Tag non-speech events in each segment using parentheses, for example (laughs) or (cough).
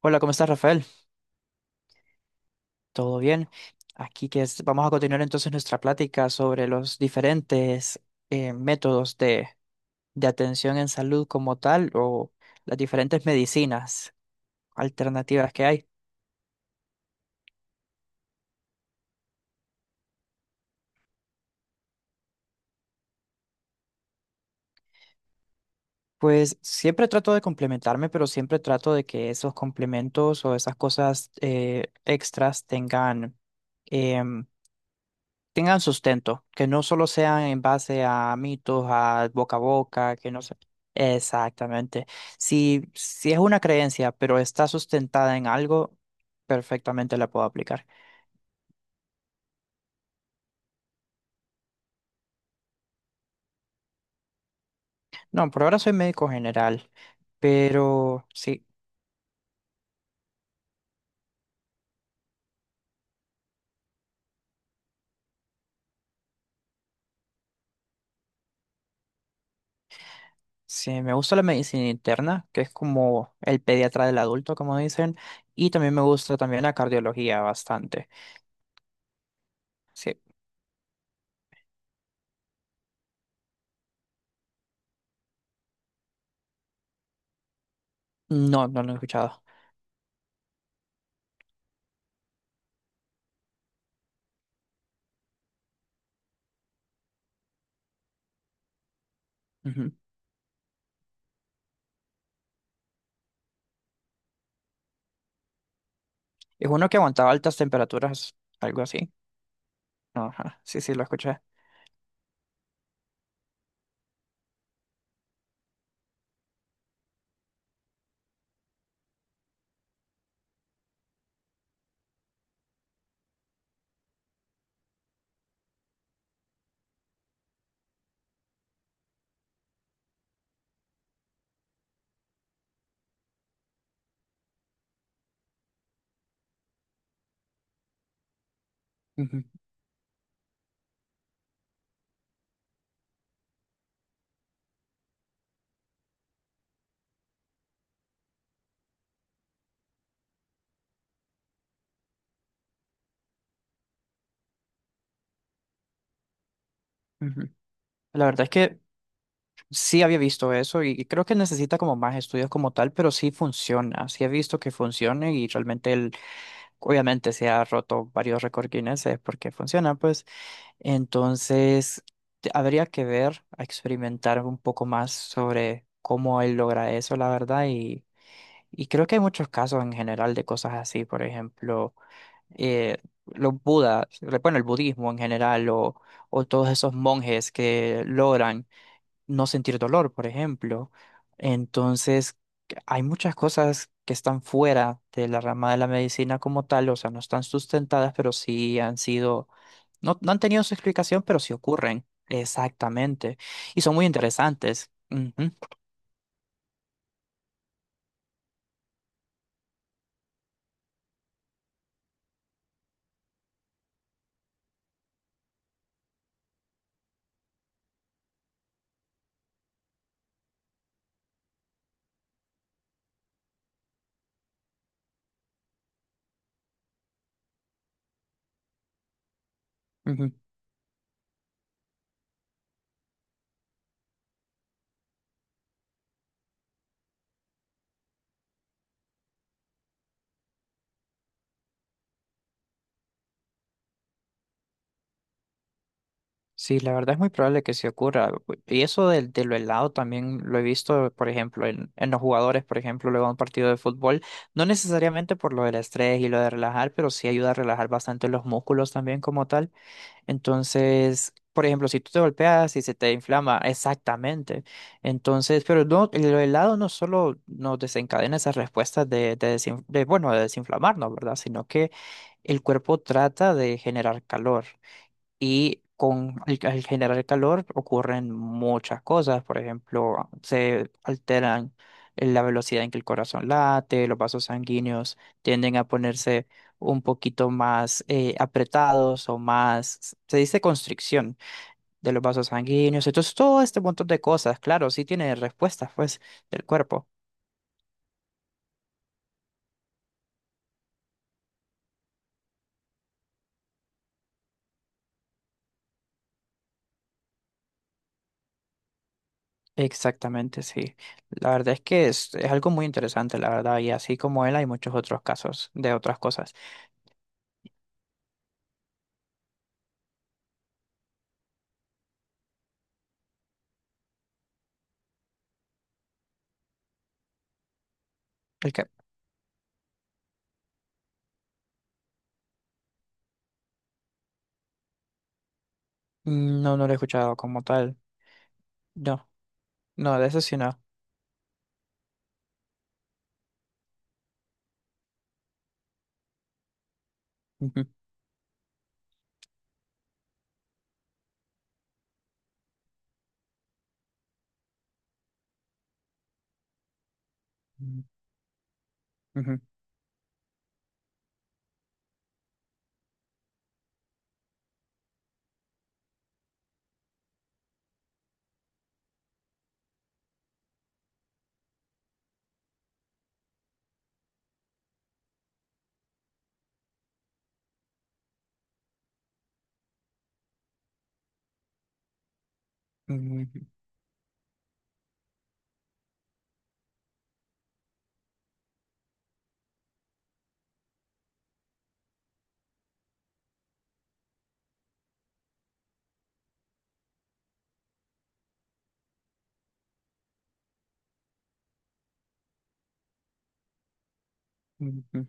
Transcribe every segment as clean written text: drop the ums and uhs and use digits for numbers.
Hola, ¿cómo estás, Rafael? ¿Todo bien? Aquí que es- vamos a continuar entonces nuestra plática sobre los diferentes métodos de atención en salud como tal o las diferentes medicinas alternativas que hay. Pues siempre trato de complementarme, pero siempre trato de que esos complementos o esas cosas extras tengan, em, tengan sustento, que no solo sean en base a mitos, a boca, que no sé. Exactamente. Si, si es una creencia, pero está sustentada en algo, perfectamente la puedo aplicar. No, por ahora soy médico general, pero sí, sí, me gusta la medicina interna, que es como el pediatra del adulto, como dicen, y también me gusta también la cardiología bastante. Sí, no, no lo he escuchado. Ujú. Es uno que aguantaba altas temperaturas, algo así. No, ajá, sí, sí, lo escuché. Ujú, ujú. La verdad es que sí había visto eso y creo que necesita como más estudios como tal, pero sí funciona, sí he visto que funciona y realmente él, obviamente se ha roto varios récords Guinness porque funciona, pues. Entonces, te- habría que ver, a experimentar un poco más sobre cómo él logra eso, la verdad, y creo que hay muchos casos en general de cosas así, por ejemplo. eh, los budas, bueno, el budismo en general, o todos esos monjes que logran no sentir dolor, por ejemplo. Entonces, hay muchas cosas que están fuera de la rama de la medicina como tal, o sea, no están sustentadas, pero sí han sido, no, no han tenido su explicación, pero sí ocurren. Exactamente. Y son muy interesantes. Ujú, ujú. Sí, la verdad es muy probable que se ocurra. Y eso del, de lo helado también lo he visto, por ejemplo, en los jugadores, por ejemplo, luego de un partido de fútbol, no necesariamente por lo del estrés y lo de relajar, pero sí ayuda a relajar bastante los músculos también como tal. Entonces, por ejemplo, si tú te golpeas y se te inflama, exactamente. Entonces, pero no, lo helado no solo nos desencadena esas respuestas de, desin- de, bueno, de desinflamarnos, ¿verdad? Sino que el cuerpo trata de generar calor. Y con el, al generar calor ocurren muchas cosas, por ejemplo, se alteran la velocidad en que el corazón late, los vasos sanguíneos tienden a ponerse un poquito más apretados o más, se dice constricción de los vasos sanguíneos. Entonces, todo este montón de cosas, claro, sí tiene respuestas, pues, del cuerpo. Exactamente, sí. La verdad es que es algo muy interesante, la verdad, y así como él hay muchos otros casos de otras cosas. El mm, no, no lo he escuchado como tal. No, no, de eso sí no. Ujú, ujú, ujú, ujú, ujú,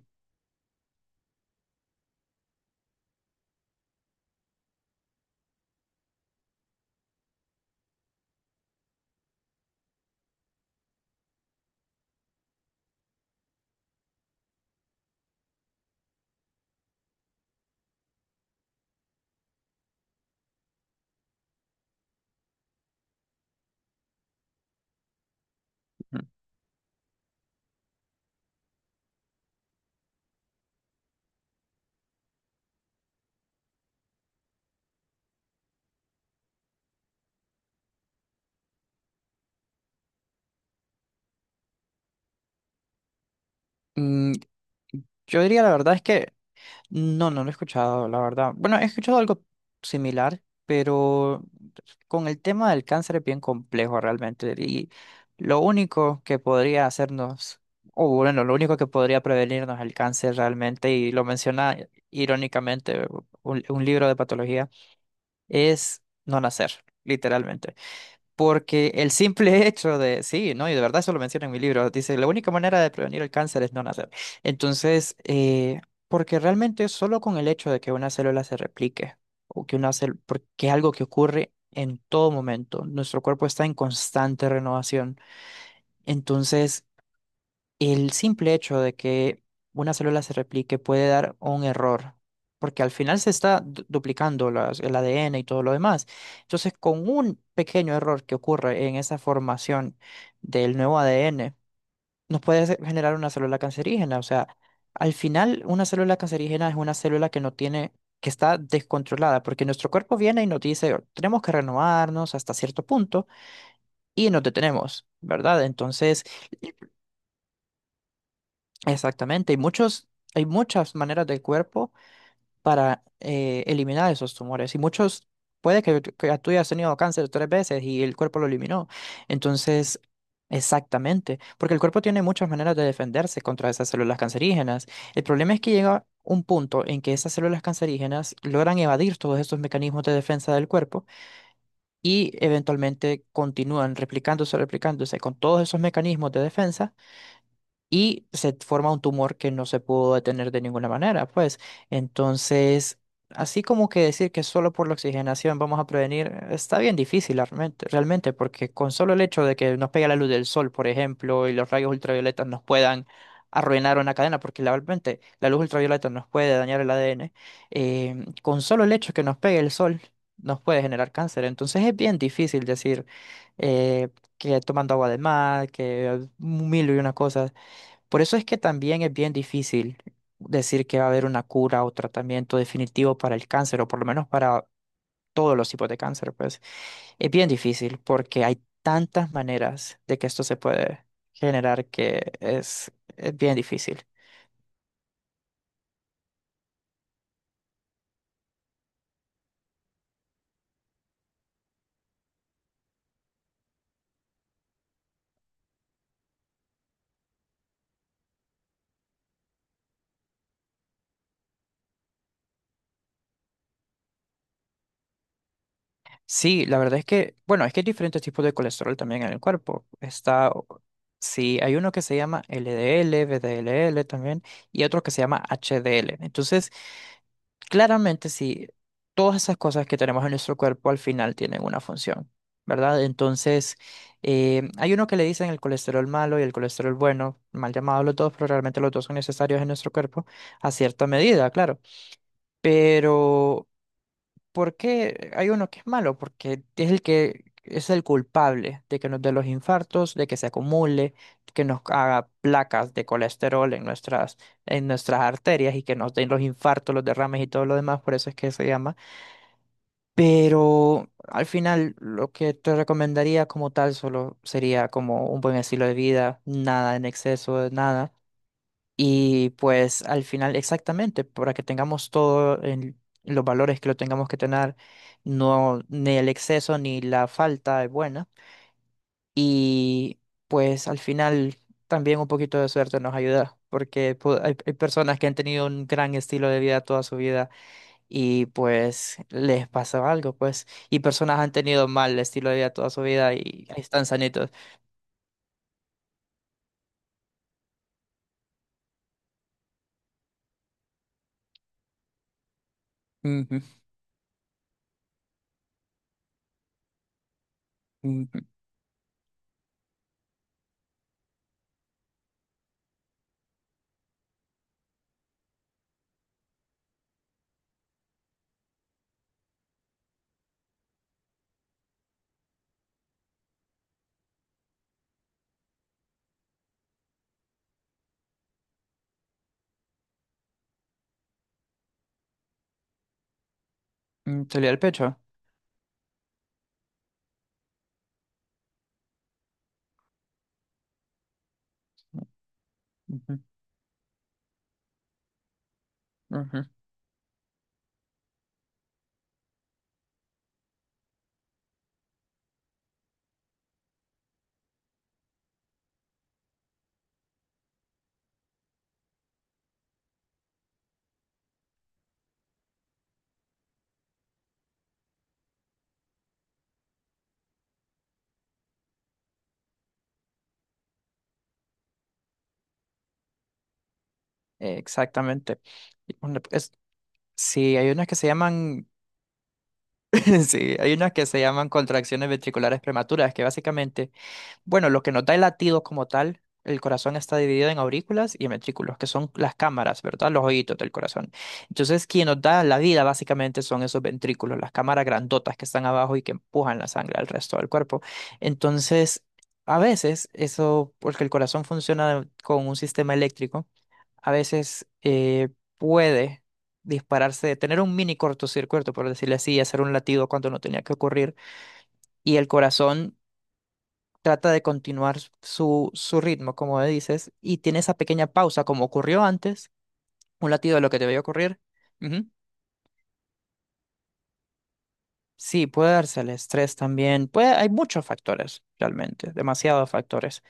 ujú. Mm, yo diría la verdad es que no, no lo he escuchado, la verdad. Bueno, he escuchado algo similar, pero con el tema del cáncer es bien complejo realmente. Y lo único que podría hacernos, o bueno, lo único que podría prevenirnos el cáncer realmente, y lo menciona irónicamente un libro de patología, es no nacer, literalmente. Porque el simple (laughs) hecho de, sí, ¿no? Y de verdad eso lo menciono en mi libro, dice, la única manera de prevenir el cáncer es no nacer. Entonces, porque realmente solo con el hecho de que una célula se replique, o que una célula, porque es algo que ocurre en todo momento, nuestro cuerpo está en constante renovación. Entonces, el simple hecho de que una célula se replique puede dar un error, porque al final se está du- duplicando las- el ADN y todo lo demás. Entonces, con un pequeño error que ocurre en esa formación del nuevo ADN, nos puede se- generar una célula cancerígena. O sea, al final, una célula cancerígena es una célula que no tiene, que está descontrolada, porque nuestro cuerpo viene y nos dice, tenemos que renovarnos hasta cierto punto y nos detenemos, ¿verdad? Entonces... Exactamente, hay muchos, hay muchas maneras del cuerpo para eliminar esos tumores y muchos, puede que tú hayas tenido cáncer tres veces y el cuerpo lo eliminó. Entonces, exactamente, porque el cuerpo tiene muchas maneras de defenderse contra esas células cancerígenas. El problema es que llega un punto en que esas células cancerígenas logran evadir todos estos mecanismos de defensa del cuerpo y eventualmente continúan replicándose, replicándose con todos esos mecanismos de defensa y se forma un tumor que no se pudo detener de ninguna manera, pues. Entonces, así como que decir que solo por la oxigenación vamos a prevenir, está bien difícil realmente, realmente, porque con solo el hecho de que nos pegue la luz del sol, por ejemplo, y los rayos ultravioletas nos puedan arruinar una cadena, porque la- realmente la luz ultravioleta nos puede dañar el ADN, con solo el hecho que nos pegue el sol nos puede generar cáncer. Entonces es bien difícil decir eh, que tomando agua de mar, que mil y una cosas. Por eso es que también es bien difícil decir que va a haber una cura o tratamiento definitivo para el cáncer, o por lo menos para todos los tipos de cáncer, pues es bien difícil porque hay tantas maneras de que esto se puede generar que es bien difícil. Sí, la verdad es que, bueno, es que hay diferentes tipos de colesterol también en el cuerpo. Está, sí, hay uno que se llama LDL, VDLL también, y otro que se llama HDL. Entonces, claramente sí, todas esas cosas que tenemos en nuestro cuerpo al final tienen una función, ¿verdad? Entonces, hay uno que le dicen el colesterol malo y el colesterol bueno, mal llamados los dos, pero realmente los dos son necesarios en nuestro cuerpo a cierta medida, claro. Pero ¿por qué hay uno que es malo? Porque es el que es el culpable de que nos dé los infartos, de que se acumule, que nos haga placas de colesterol en nuestras arterias y que nos den los infartos, los derrames y todo lo demás, por eso es que se llama. Pero al final lo que te recomendaría como tal solo sería como un buen estilo de vida, nada en exceso, nada. Y pues al final, exactamente, para que tengamos todo en los valores que lo tengamos que tener, no, ni el exceso ni la falta es buena. Y pues al final también un poquito de suerte nos ayuda, porque pu- hay personas que han tenido un gran estilo de vida toda su vida y pues les pasa algo, pues. Y personas han tenido mal estilo de vida toda su vida y ahí están sanitos. Ujú, ujú, ujú, te olía el pecho. Ujú, ujú. Exactamente. Y una- es- sí, hay unas que se llaman, (laughs) sí, hay unas que se llaman contracciones ventriculares prematuras, que básicamente bueno, lo que nos da el latido como tal, el corazón está dividido en aurículas y ventrículos, que son las cámaras, ¿verdad? Los oídos del corazón. Entonces, quien nos da la vida básicamente son esos ventrículos, las cámaras grandotas que están abajo y que empujan la sangre al resto del cuerpo. Entonces, a veces eso, porque el corazón funciona con un sistema eléctrico, a veces puede dispararse, tener un mini cortocircuito, por decirlo así, y hacer un latido cuando no tenía que ocurrir y el corazón trata de continuar su, su ritmo, como dices, y tiene esa pequeña pausa, como ocurrió antes, un latido de lo que debió ocurrir. Ujú. Sí, puede darse el estrés también. Puede, hay muchos factores, realmente, demasiados factores.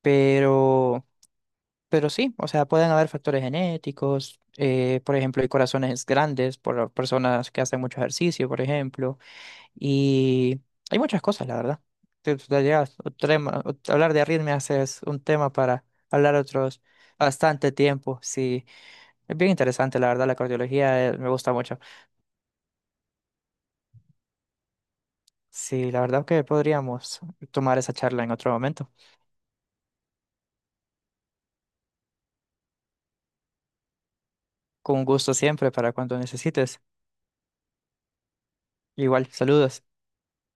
Pero, pero sí, o sea, pueden haber factores genéticos, por ejemplo, hay corazones grandes por personas que hacen mucho ejercicio, por ejemplo. Y hay muchas cosas, la verdad. Te- te llegas- otro tema- ot- hablar de arritmias es un tema para hablar otros bastante tiempo. Sí, es bien interesante, la verdad, la cardiología me gusta mucho. Sí, la verdad que podríamos tomar esa charla en otro momento. Con gusto siempre para cuando necesites. Igual, saludos.